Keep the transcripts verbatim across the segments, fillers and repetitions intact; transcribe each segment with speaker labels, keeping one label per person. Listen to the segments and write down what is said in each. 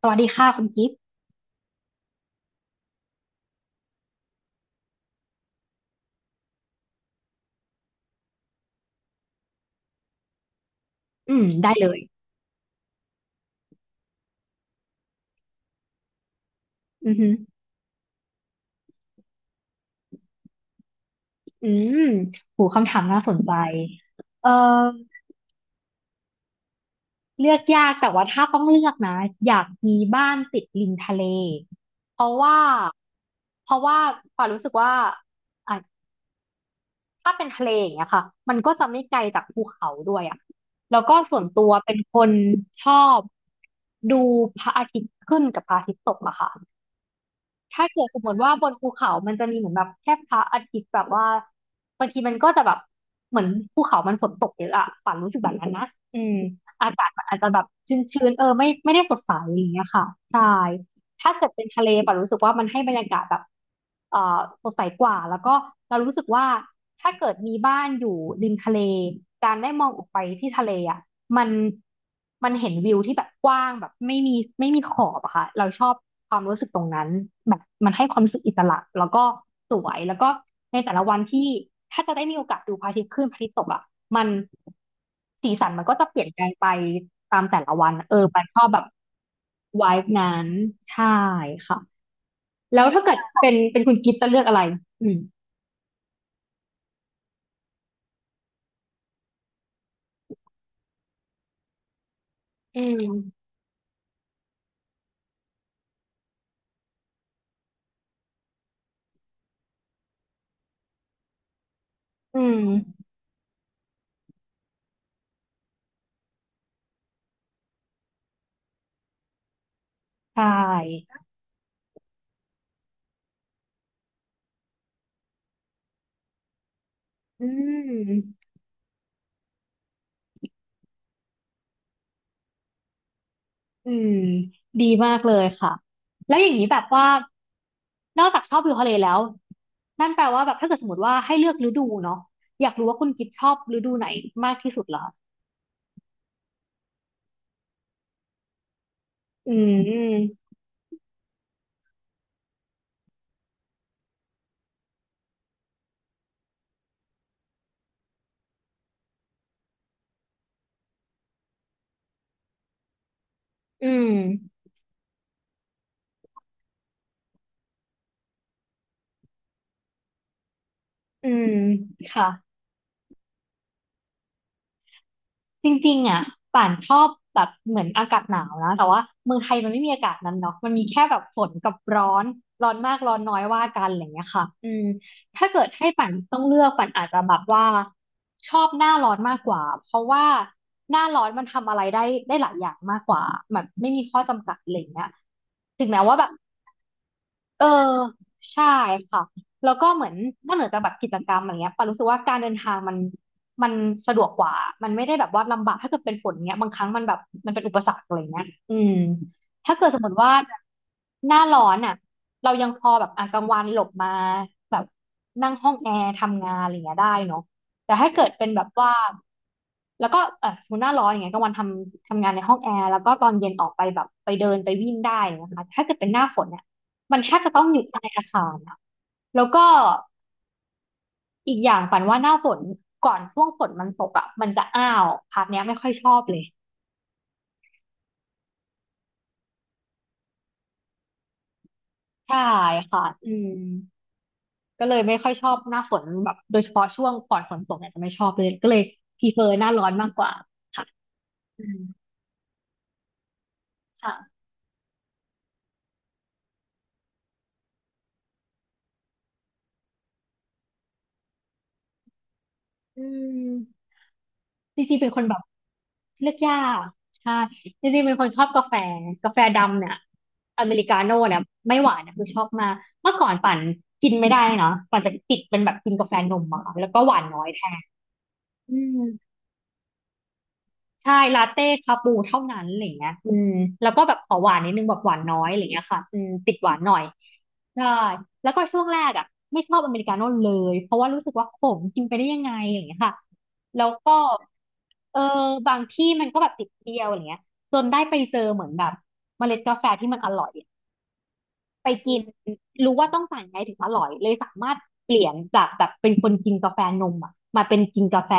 Speaker 1: สวัสดีค่ะคุณกิฟต์อืมได้เลยอือหืออืมหูคำถามน่าสนใจเอ่อเลือกยากแต่ว่าถ้าต้องเลือกนะอยากมีบ้านติดริมทะเลเพราะว่าเพราะว่าปารู้สึกว่าอ่ะถ้าเป็นทะเลอย่างเงี้ยค่ะมันก็จะไม่ไกลจากภูเขาด้วยอ่ะแล้วก็ส่วนตัวเป็นคนชอบดูพระอาทิตย์ขึ้นกับพระอาทิตย์ตกอะค่ะ ถ้าเกิดสมมติว่าบนภูเขามันจะมีเหมือนแบบแค่พระอาทิตย์แบบว่าบางทีมันก็จะแบบเหมือนภูเขามันฝนตกเยอะอะป่านรู้สึกแบบนั้นนะอืมอากาศมันอาจจะแบบชื้นๆเออไม่ไม่ได้สดใสอย่างเงี้ยค่ะ ใช่ ถ้าเกิดเป็นทะเลป่ะรู้สึกว่ามันให้บรรยากาศแบบเอ่อสดใสกว่าแล้วก็เรารู้สึกว่าถ้าเกิดมีบ้านอยู่ริมทะเลการได้มองออกไปที่ทะเลอ่ะมันมันเห็นวิวที่แบบกว้างแบบไม่มีไม่มีขอบอะค่ะเราชอบความรู้สึกตรงนั้นแบบมันให้ความรู้สึกอิสระแล้วก็สวยแล้วก็ในแต่ละวันที่ถ้าจะได้มีโอกาสดูพระอาทิตย์ขึ้นพระอาทิตย์ตกอ่ะมันสีสันมันก็จะเปลี่ยนแปลงไปตามแต่ละวันเออปันชอบแบบ ไวบ์นั้นใช่ค่ะแล้วถ้าเกิดเป็นเป็นคุณกิฟต์จะเลือกอะไรอืมอืมอืมใช่อืมอืมดีมากเลยค่ะแล้วอย่างนี้แบบว่านอกจากชอบวิวทะเลแล้วนั่นแปลว่าแบบถ้าเกิดสมมติว่าให้เลือกฤดูเนาะอยากรู้ว่าคุณกิฟต์ชอบฤดูไหนมากที่สุดเหรออืมอืมอืมค่ะ จริงๆอ่ะป่านชอบแบบเหมือนอากาศหนาวนะแต่ว่าเมืองไทยมันไม่มีอากาศนั้นเนาะมันมีแค่แบบฝนกับร้อนร้อนมากร้อนน้อยว่ากันอะไรอย่างเงี้ยค่ะอืมถ้าเกิดให้ป่านต้องเลือกป่านอาจจะแบบว่าชอบหน้าร้อนมากกว่าเพราะว่าหน้าร้อนมันทำอะไรได้ได้หลายอย่างมากกว่าแบบไม่มีข้อจำกัดอะไรอย่างเงี้ยถึงแม้ว่าแบบ เออใช่ค่ะแล้วก็เหมือนนอกเหนือจากแบบกิจกรรมอะไรเงี้ยปารู้สึกว่าการเดินทางมันมันสะดวกกว่ามันไม่ได้แบบว่าลำบากถ้าเกิดเป็นฝนเงี้ยบางครั้งมันแบบมันเป็นอุปสรรคอะไรเงี้ยอืมถ้าเกิดสมมติว่าหน้าร้อนอ่ะเรายังพอแบบอ่ะกลางวันหลบมาแบบนั่งห้องแอร์ทำงานอะไรเงี้ยได้เนาะแต่ถ้าเกิดเป็นแบบว่าแล้วก็เออสมมติหน้าร้อนอย่างเงี้ยกลางวันทำทำงานในห้องแอร์แล้วก็ตอนเย็นออกไปแบบไปเดินไปวิ่งได้นะคะถ้าเกิดเป็นหน้าฝนเนี่ย มันแทบจะต้องอยู่ใต้อาคารอะแล้วก็อีกอย่างปันว่าหน้าฝนก่อนช่วงฝนมันตกอ่ะมันจะอ้าวพาร์ทเนี้ยไม่ค่อยชอบเลยใช่ค่ะอืมก็เลยไม่ค่อยชอบหน้าฝนแบบโดยเฉพาะช่วงก่อนฝนตกเนี่ยจะไม่ชอบเลยก็เลยพรีเฟอร์หน้าร้อนมากกว่าค่ะอืมค่ะอืม จริงๆเป็นคนแบบเลือกยากใช่จริงๆเป็นคนชอบกาแฟกาแฟดำเนี่ยอเมริกาโน่เนี่ยไม่หวานนะคือชอบมากเมื่อก่อนปั่นกินไม่ได้นะปั่นจะติดเป็นแบบกินกาแฟนมอะค่ะแล้วก็หวานน้อยแทนอืม ใช่ลาเต้คาปูเท่านั้นอะไรเงี้ยอืมแล้วก็แบบขอหวานนิดนึงแบบหวานน้อยอะไรเงี้ยค่ะอืมติดหวานหน่อยใช่แล้วก็ช่วงแรกอ่ะไม่ชอบอเมริกาโน่เลยเพราะว่ารู้สึกว่าขมกินไปได้ยังไงอย่างเงี้ยค่ะแล้วก็เออบางที่มันก็แบบติดเปรี้ยวอะไรเงี้ยจนได้ไปเจอเหมือนแบบเมล็ดกาแฟที่มันอร่อย ไปกินรู้ว่าต้องสั่งยังไงถึงอร่อยเลยสามารถเปลี่ยนจากแบบเป็นคนกินกาแฟนมอ่ะมาเป็นกินกาแฟ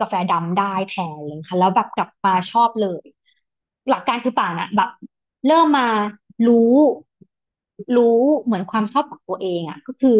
Speaker 1: กาแฟดำได้แทนเลยค่ะแล้วแบบกลับมาชอบเลยหลักการคือป่านอ่ะแบบเริ่มมารู้รู้เหมือนความชอบของตัวเองอ่ะก็คือ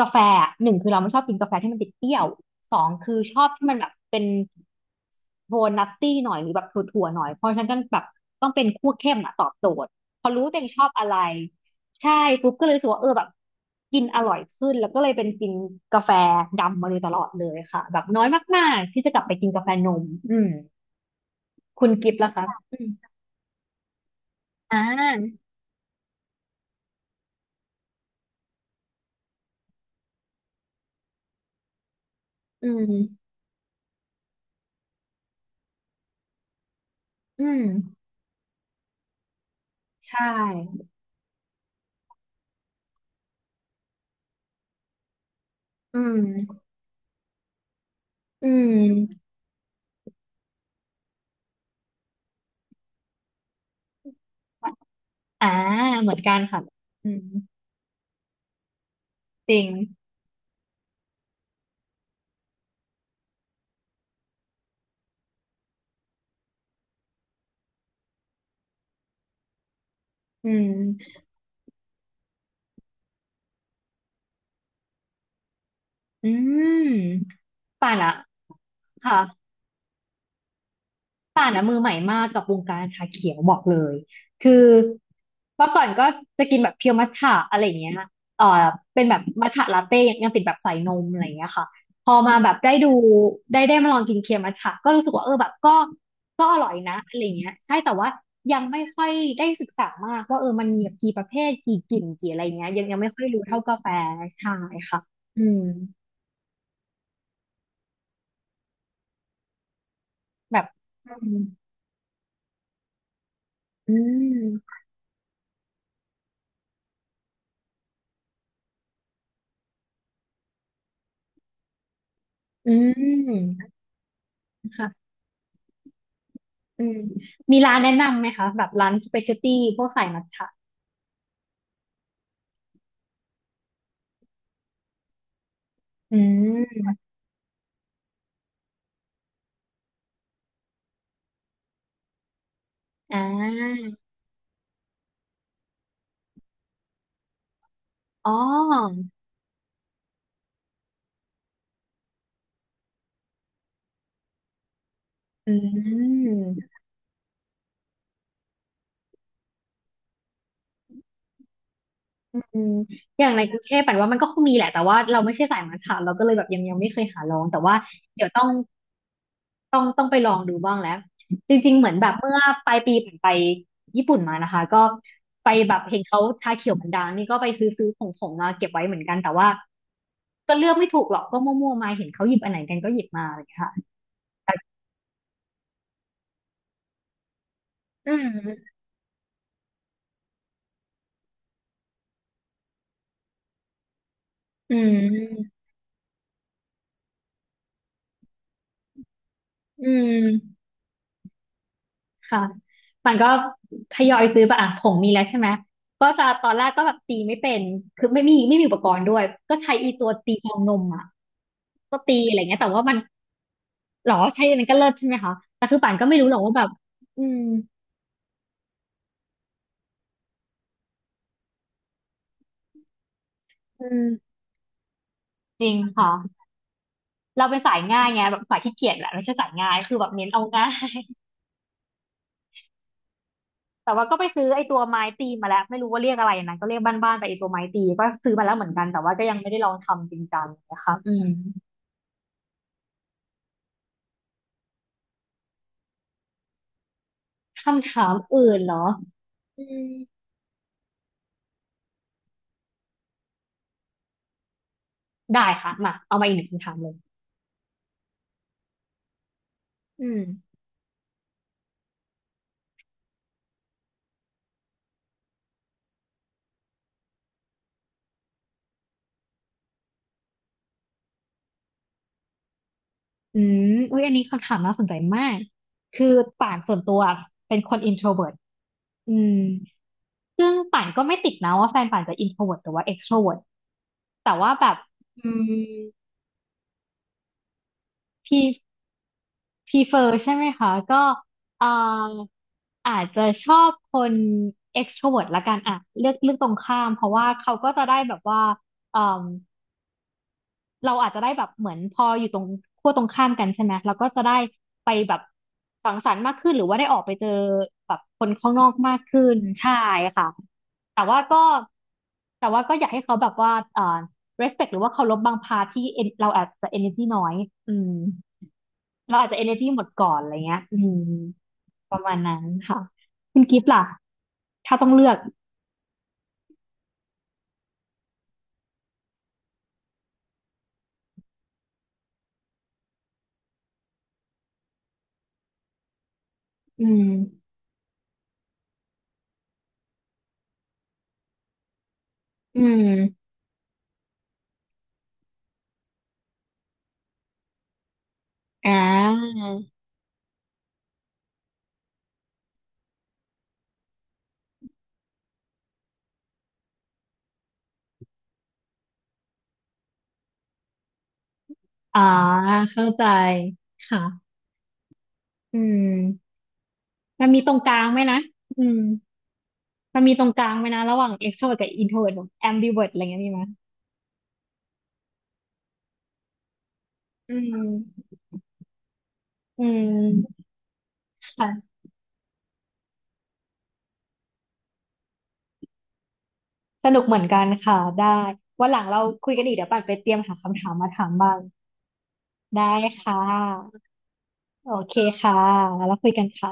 Speaker 1: กาแฟอะหนึ่งคือเราไม่ชอบกินกาแฟที่มันติดเปรี้ยวสองคือชอบที่มันแบบเป็นโทนนัตตี้หน่อยหรือแบบถั่วๆหน่อยเพราะฉะนั้นก็แบบต้องเป็นคั่วเข้มอ่ะตอบโจทย์พอรู้ตัวเองชอบอะไร ใช่ปุ๊บก็เลยรู้สึกว่าเออแบบกินอร่อยขึ้นแล้วก็เลยเป็นกินกาแฟดำมาโดยตลอดเลยค่ะแบบน้อยมากๆที่จะกลับไปกินกาแฟนมอืมคุณกิฟต์ล่ะคะอืมอ่าอืมอืมใช่อืมอืมอ่าเหมือนกันค่ะอืมจริงอืมอืมป่านอะค่ะ ป่านอะมือใหม่มากกับวงการชาเขียวบอกเลยคือเมื่อก่อนก็จะกินแบบเพียวมัทฉะอะไรอย่างเงี้ยเอ่อเป็นแบบมัทฉะลาเต้ยังยังติดแบบใส่นมอะไรอย่างเงี้ยค่ะพอมาแบบได้ดูได้ได้มาลองกินเคียวมัทฉะก็รู้สึกว่าเออแบบก็ก็อร่อยนะอะไรอย่างเงี้ยใช่แต่ว่ายังไม่ค่อยได้ศึกษามากว่าเออมันมีแบบกี่ประเภทกี่กลิ่นกี่อะไรอย่างเงี้ยยังยังไม่ค่อยรู้เท่ากาแฟใช่ค่ะอืมแบบอืมอืมอืมค่ะ อืมมีร้านแนะนำไหมคะแบบร้านสเปเชียลตี้พวกสายมัทฉะอืมอ่าอ๋ออืมอืมอย่างในกรุงเทพแปลว่ามันก็คงมีแหละ แต่ว่าเราไม่ใช่สายมัทฉะเราก็เลยแบบยังยังไม่เคยหาลอง แต่ว่าเดี๋ยวต้องต้องต้องไปลองดูบ้างแล้ว จริงๆ เหมือนแบบเมื่อปลายปีผมไปญี่ปุ่นมานะคะ ก็ไปแบบเห็นเขาชาเขียวมันดังนี่ก็ไปซื้อซื้อผงผงมาเก็บไว้เหมือนกันแต่ว่าก็เลือกไม่ถูกหรอกก็มั่วๆมาเห็นเขาหยิบอันไหนกันก็หยิบมาอะไรอย่างเงี้ยค่ะ อืมอืมอืมค่ะมันก็ทยอยซื้อไปอ่ะผงมีแล้วใช่ไหมก็จะตอนแรกก็แบบตีไม่เป็นคือไม่มีไม่มีอุปกรณ์ด้วยก็ใช้อีตัวตีฟองนมอ่ะก็ตีอะไรเงี้ยแต่ว่ามันหรอใช้มันก็เลิศใช่ไหมคะแต่คือป่านก็ไม่รู้หรอกว่าแบบอืมอืมจริงค่ะเราเป็นสายง่ายไงแบบสายขี้เกียจแหละไม่ใช่สายง่ายคือแบบเน้นเอาง่าย แต่ว่าก็ไปซื้อไอ้ตัวไม้ตีมาแล้วไม่รู้ว่าเรียกอะไรนะก็เรียกบ้านๆไปไอ้ตัวไม้ตีก็ซื้อมาแล้วเหมือนกันแต่ว่าก็ยังไม่ได้ลองทำจริงจังนะคะอืมคำถามอื่นเหรออืมได้ค่ะมาเอามาอีกหนึ่งคำถามเลยอืมอืมอุ้ยอันนี้คำถามน่าสนใจมากคือป่านส่วนตัวเป็นคน introvert อืมซึ่งป่านก็ไม่ติดนะว่าแฟนป่านจะ introvert หรือว่า extrovert แต่ว่าแบบอืมพี่ พ r เฟอร์ใช่ไหมคะก็เอ่ออาจจะชอบคน extrovert ละกันอ่ะเลือกเลือกตรงข้ามเพราะว่าเขาก็จะได้แบบว่าเอ่มเราอาจจะได้แบบเหมือนพออยู่ตรงขั้วตรงข้ามกันใช่ไหมเราก็จะได้สังสรรค์มากขึ้นหรือว่าได้ออกไปเจอแบบคนข้างนอกมากขึ้นใช่ค่ะแต่ว่าก็แต่ว่าก็อยากให้เขาแบบว่าเอ่อ respect หรือว่าเคารพบางพาร์ทที่ en- เราอาจจะ energy น้อยอืม เราอาจจะ energy หมดก่อนอะไรเงี้ยอืมประมาณนั้นค่ะคุณกิฟต์ล่ะถ้าต้องเลือกอืมอืมอ่าอ่าเข้าใจค่ะอืมมันมีตรงกลางไหมนะอืมมันมีตรงกลางไหมนะระหว่าง extrovert กับ introvert แบบ ambivert อะไรเงี้ยมีไหมอืมอืมค่ะสนุกเหมือนกันค่ะได้ วันหลังเราคุยกันอีกเดี๋ยวปัดไปเตรียมหาคำถามมาถามบ้างได้ค่ะโอเคค่ะแล้วคุยกันค่ะ